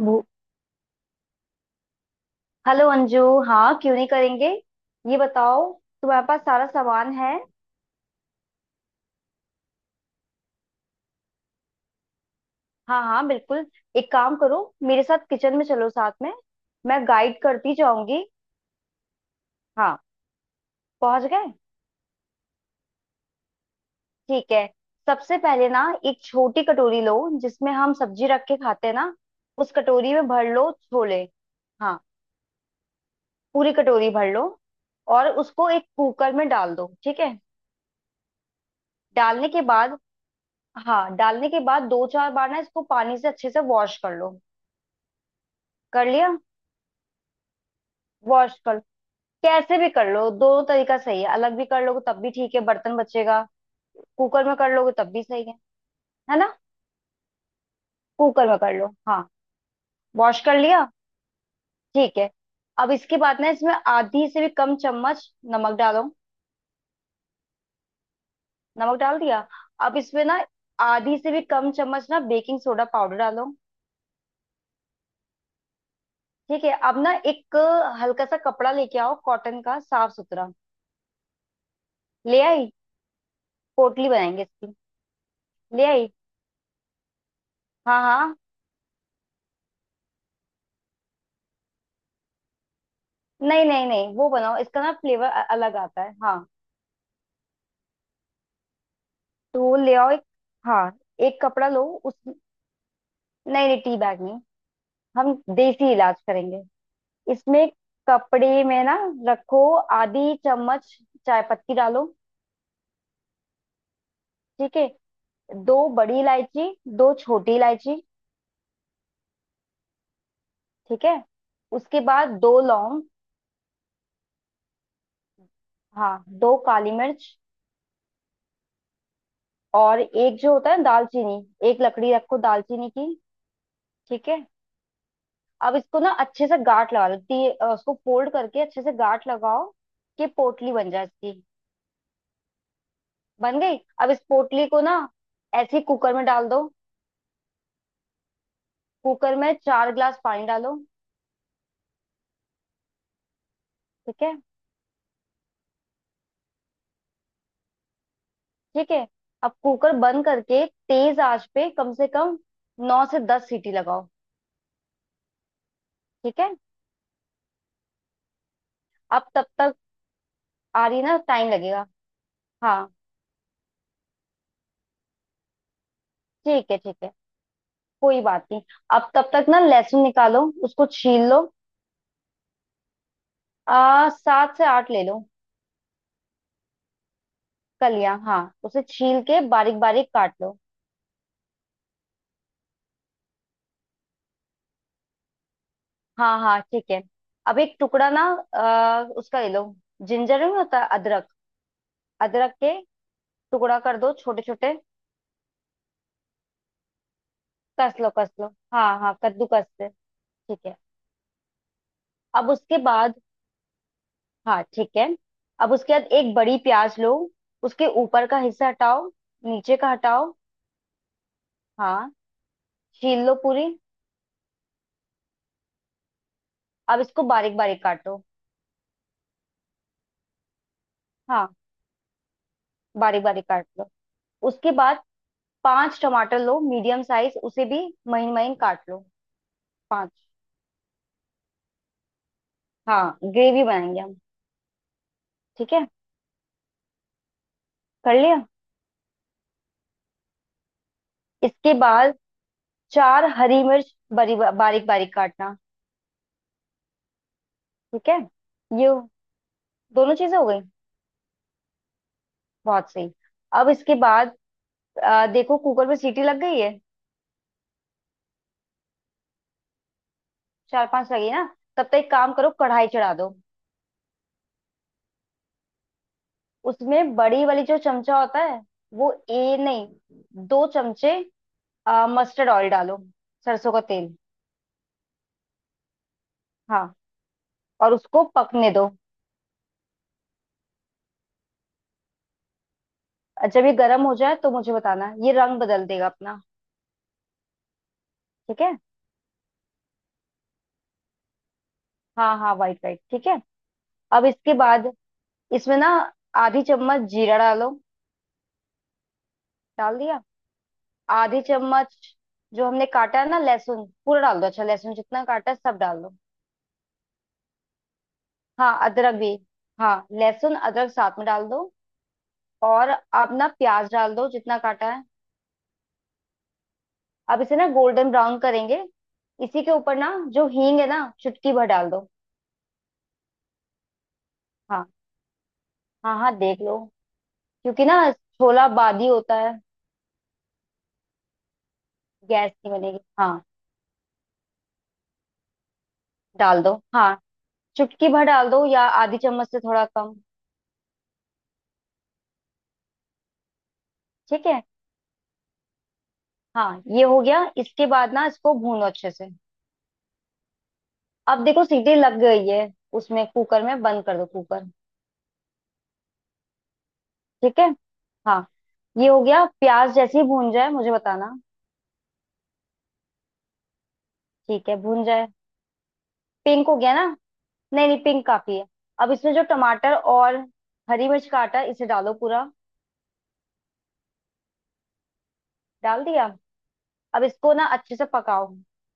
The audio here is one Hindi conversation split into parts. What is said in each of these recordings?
वो- हेलो अंजू। हाँ, क्यों नहीं करेंगे। ये बताओ, तुम्हारे पास सारा सामान है? हाँ हाँ बिल्कुल। एक काम करो, मेरे साथ किचन में चलो, साथ में मैं गाइड करती जाऊंगी। हाँ। पहुंच गए? ठीक है। सबसे पहले ना एक छोटी कटोरी लो जिसमें हम सब्जी रख के खाते हैं ना। उस कटोरी में भर लो छोले। हाँ, पूरी कटोरी भर लो। और उसको एक कुकर में डाल दो, ठीक है? डालने के बाद, हाँ, डालने के बाद दो चार बार ना इसको पानी से अच्छे से वॉश कर लो। कर लिया वॉश कर। कैसे भी कर लो, दोनों तरीका सही है, अलग भी कर लोगे तब भी ठीक है, बर्तन बचेगा। कुकर में कर लोगे तब भी सही है। है ना? कुकर में कर लो हाँ। वॉश कर लिया? ठीक है। अब इसके बाद ना इसमें आधी से भी कम चम्मच नमक डालो। नमक डाल दिया? अब इसमें ना आधी से भी कम चम्मच ना बेकिंग सोडा पाउडर डालो। ठीक है, अब ना एक हल्का सा कपड़ा लेके आओ कॉटन का, साफ सुथरा। ले आई? पोटली बनाएंगे इसकी। ले आई? हाँ हाँ, नहीं नहीं नहीं, वो बनाओ, इसका ना फ्लेवर अलग आता है, हाँ। तो वो ले आओ एक। हाँ, एक कपड़ा लो उस, नहीं नहीं टी बैग नहीं, हम देसी इलाज करेंगे। इसमें कपड़े में ना रखो आधी चम्मच चाय पत्ती डालो। ठीक है। दो बड़ी इलायची, दो छोटी इलायची। ठीक है, उसके बाद दो लौंग। हाँ, दो काली मिर्च, और एक जो होता है ना दालचीनी, एक लकड़ी रखो दालचीनी की। ठीक है। अब इसको ना अच्छे से गांठ लगा लो, उसको फोल्ड करके अच्छे से गांठ लगाओ कि पोटली बन जाए इसकी। बन गई, अब इस पोटली को ना ऐसे ही कुकर में डाल दो। कुकर में 4 गिलास पानी डालो। ठीक है ठीक है। अब कुकर बंद करके तेज आंच पे कम से कम नौ से दस सीटी लगाओ। ठीक है। अब तब तक आ रही ना, टाइम लगेगा हाँ, ठीक है ठीक है, कोई बात नहीं। अब तब तक ना लहसुन निकालो, उसको छील लो। आ सात से आठ ले लो। कलियां हाँ, उसे छील के बारीक बारीक काट लो। हाँ हाँ ठीक है। अब एक टुकड़ा ना, उसका ले लो, जिंजर नहीं होता अदरक, अदरक के टुकड़ा कर दो छोटे छोटे। कस लो कस लो, हाँ हाँ कद्दूकस से। ठीक है। अब उसके बाद, हाँ ठीक है, अब उसके बाद एक बड़ी प्याज लो, उसके ऊपर का हिस्सा हटाओ, नीचे का हटाओ। हाँ, छील लो पूरी। अब इसको बारीक बारीक काटो, हाँ बारीक बारीक काट लो। उसके बाद पांच टमाटर लो मीडियम साइज, उसे भी महीन महीन काट लो। पांच, हाँ ग्रेवी बनाएंगे हम। ठीक है, कर लिया। इसके बाद चार हरी मिर्च, बरी बारीक बारीक काटना। ठीक है, ये दोनों चीजें हो गई। बहुत सही। अब इसके बाद देखो कुकर में सीटी लग गई है। चार पांच लगी ना, तब तक एक काम करो कढ़ाई चढ़ा दो। उसमें बड़ी वाली जो चमचा होता है, वो ए नहीं, दो चमचे मस्टर्ड ऑयल डालो, सरसों का तेल, हाँ। और उसको पकने दो, जब ये गर्म हो जाए तो मुझे बताना, ये रंग बदल देगा अपना। ठीक है, हाँ हाँ वाइट वाइट ठीक है। अब इसके बाद इसमें ना आधी चम्मच जीरा डालो। डाल दिया? आधी चम्मच। जो हमने काटा है ना लहसुन पूरा डाल दो, अच्छा लहसुन जितना काटा है सब डाल दो, हाँ अदरक भी, हाँ लहसुन अदरक साथ में डाल दो, और अब ना प्याज डाल दो जितना काटा है। अब इसे ना गोल्डन ब्राउन करेंगे, इसी के ऊपर ना जो हींग है ना चुटकी भर डाल दो। हाँ हाँ, हाँ देख लो, क्योंकि ना छोला बादी होता है, गैस की बनेगी हाँ। डाल दो हाँ, चुटकी भर डाल दो या आधी चम्मच से थोड़ा कम। ठीक है, हाँ ये हो गया, इसके बाद ना इसको भूनो अच्छे से। अब देखो सीटी लग गई है उसमें कुकर में, बंद कर दो कुकर। ठीक है हाँ, ये हो गया। प्याज जैसे ही भून जाए मुझे बताना, ठीक है भून जाए। पिंक हो गया ना? नहीं नहीं पिंक काफी है। अब इसमें जो टमाटर और हरी मिर्च का आटा है, इसे डालो पूरा। डाल दिया? अब इसको ना अच्छे से पकाओ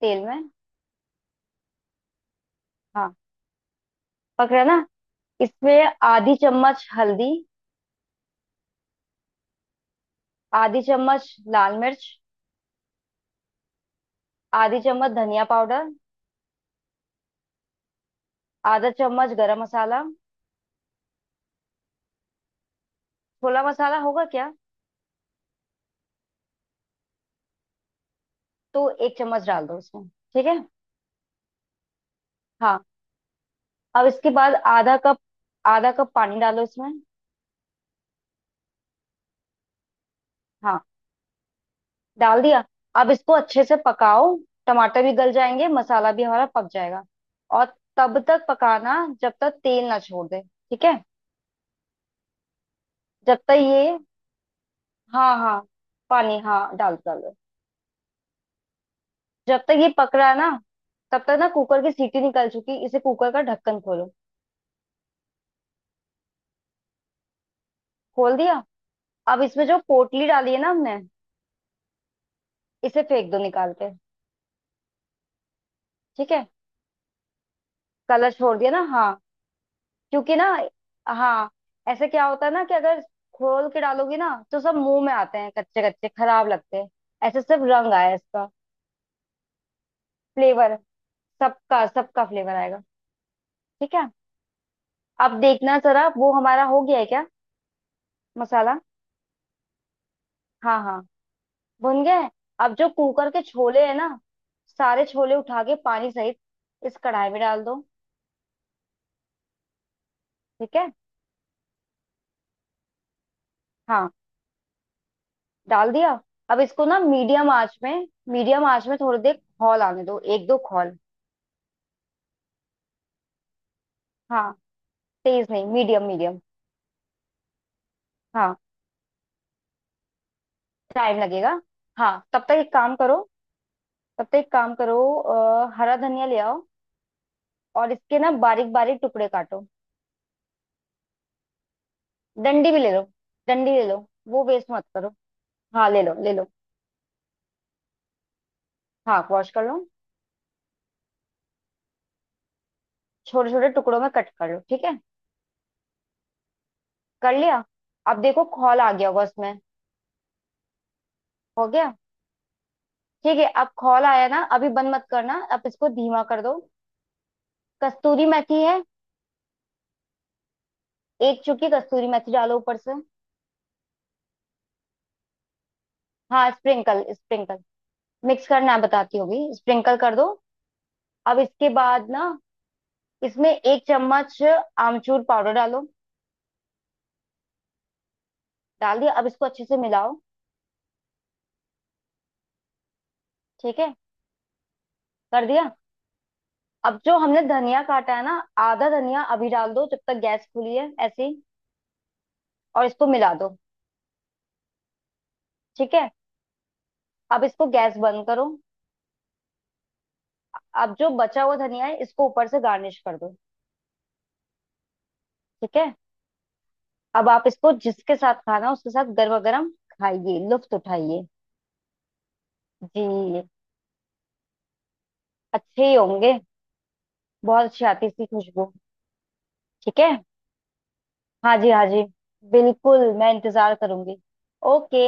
तेल में। हाँ पक रहा है ना? इसमें आधी चम्मच हल्दी, आधी चम्मच लाल मिर्च, आधी चम्मच धनिया पाउडर, आधा चम्मच गरम मसाला, छोला मसाला होगा क्या? तो एक चम्मच डाल दो इसमें। ठीक है हाँ। अब इसके बाद आधा कप, आधा कप पानी डालो इसमें। हाँ डाल दिया। अब इसको अच्छे से पकाओ, टमाटर भी गल जाएंगे, मसाला भी हमारा पक जाएगा, और तब तक पकाना जब तक तेल ना छोड़ दे, ठीक है? जब तक ये, हाँ हाँ, पानी हाँ डाल डाल। जब तक ये पक रहा है ना, तब तक ना कुकर की सीटी निकल चुकी, इसे कुकर का ढक्कन खोलो। खोल दिया? अब इसमें जो पोटली डाली है ना हमने, इसे फेंक दो निकाल के। ठीक है, कलर छोड़ दिया ना, हाँ, क्योंकि ना, हाँ ऐसे क्या होता है ना कि अगर खोल के डालोगी ना तो सब मुंह में आते हैं कच्चे कच्चे, खराब लगते हैं। ऐसे सिर्फ रंग आया इसका, फ्लेवर सबका सबका फ्लेवर आएगा। ठीक है। अब देखना जरा वो हमारा हो गया है क्या मसाला? हाँ हाँ भुन गए। अब जो कुकर के छोले है ना, सारे छोले उठा के पानी सहित इस कढ़ाई में डाल दो। ठीक है, हाँ डाल दिया। अब इसको ना मीडियम आंच में, मीडियम आंच में थोड़ी देर खौल आने दो, एक दो खौल। हाँ तेज नहीं, मीडियम मीडियम, हाँ टाइम लगेगा, हाँ तब तक एक काम करो, तब तक एक काम करो हरा धनिया ले आओ और इसके ना बारीक बारीक टुकड़े काटो। डंडी भी ले लो, डंडी ले लो, वो वेस्ट मत करो, हाँ ले लो ले लो, हाँ वॉश कर लो, छोटे छोटे टुकड़ों में कट कर लो। ठीक है कर लिया। अब देखो खौल आ गया होगा उसमें, हो गया? ठीक है, अब खौल आया ना, अभी बंद मत करना, अब इसको धीमा कर दो। कस्तूरी मेथी है? एक चुटकी कस्तूरी मेथी डालो ऊपर से, हाँ स्प्रिंकल स्प्रिंकल, मिक्स करना है, बताती होगी स्प्रिंकल कर दो। अब इसके बाद ना इसमें एक चम्मच आमचूर पाउडर डालो। डाल दिया? अब इसको अच्छे से मिलाओ। ठीक है कर दिया। अब जो हमने धनिया काटा है ना, आधा धनिया अभी डाल दो जब तक गैस खुली है ऐसे ही, और इसको मिला दो। ठीक है। अब इसको गैस बंद करो। अब जो बचा हुआ धनिया है इसको ऊपर से गार्निश कर दो। ठीक है। अब आप इसको जिसके साथ खाना है उसके साथ गर्मा गर्म खाइए, लुफ्त उठाइए। जी, अच्छे ही होंगे। बहुत अच्छी आती है इसकी खुशबू। ठीक है, हाँ जी हाँ जी, बिल्कुल मैं इंतजार करूंगी। ओके।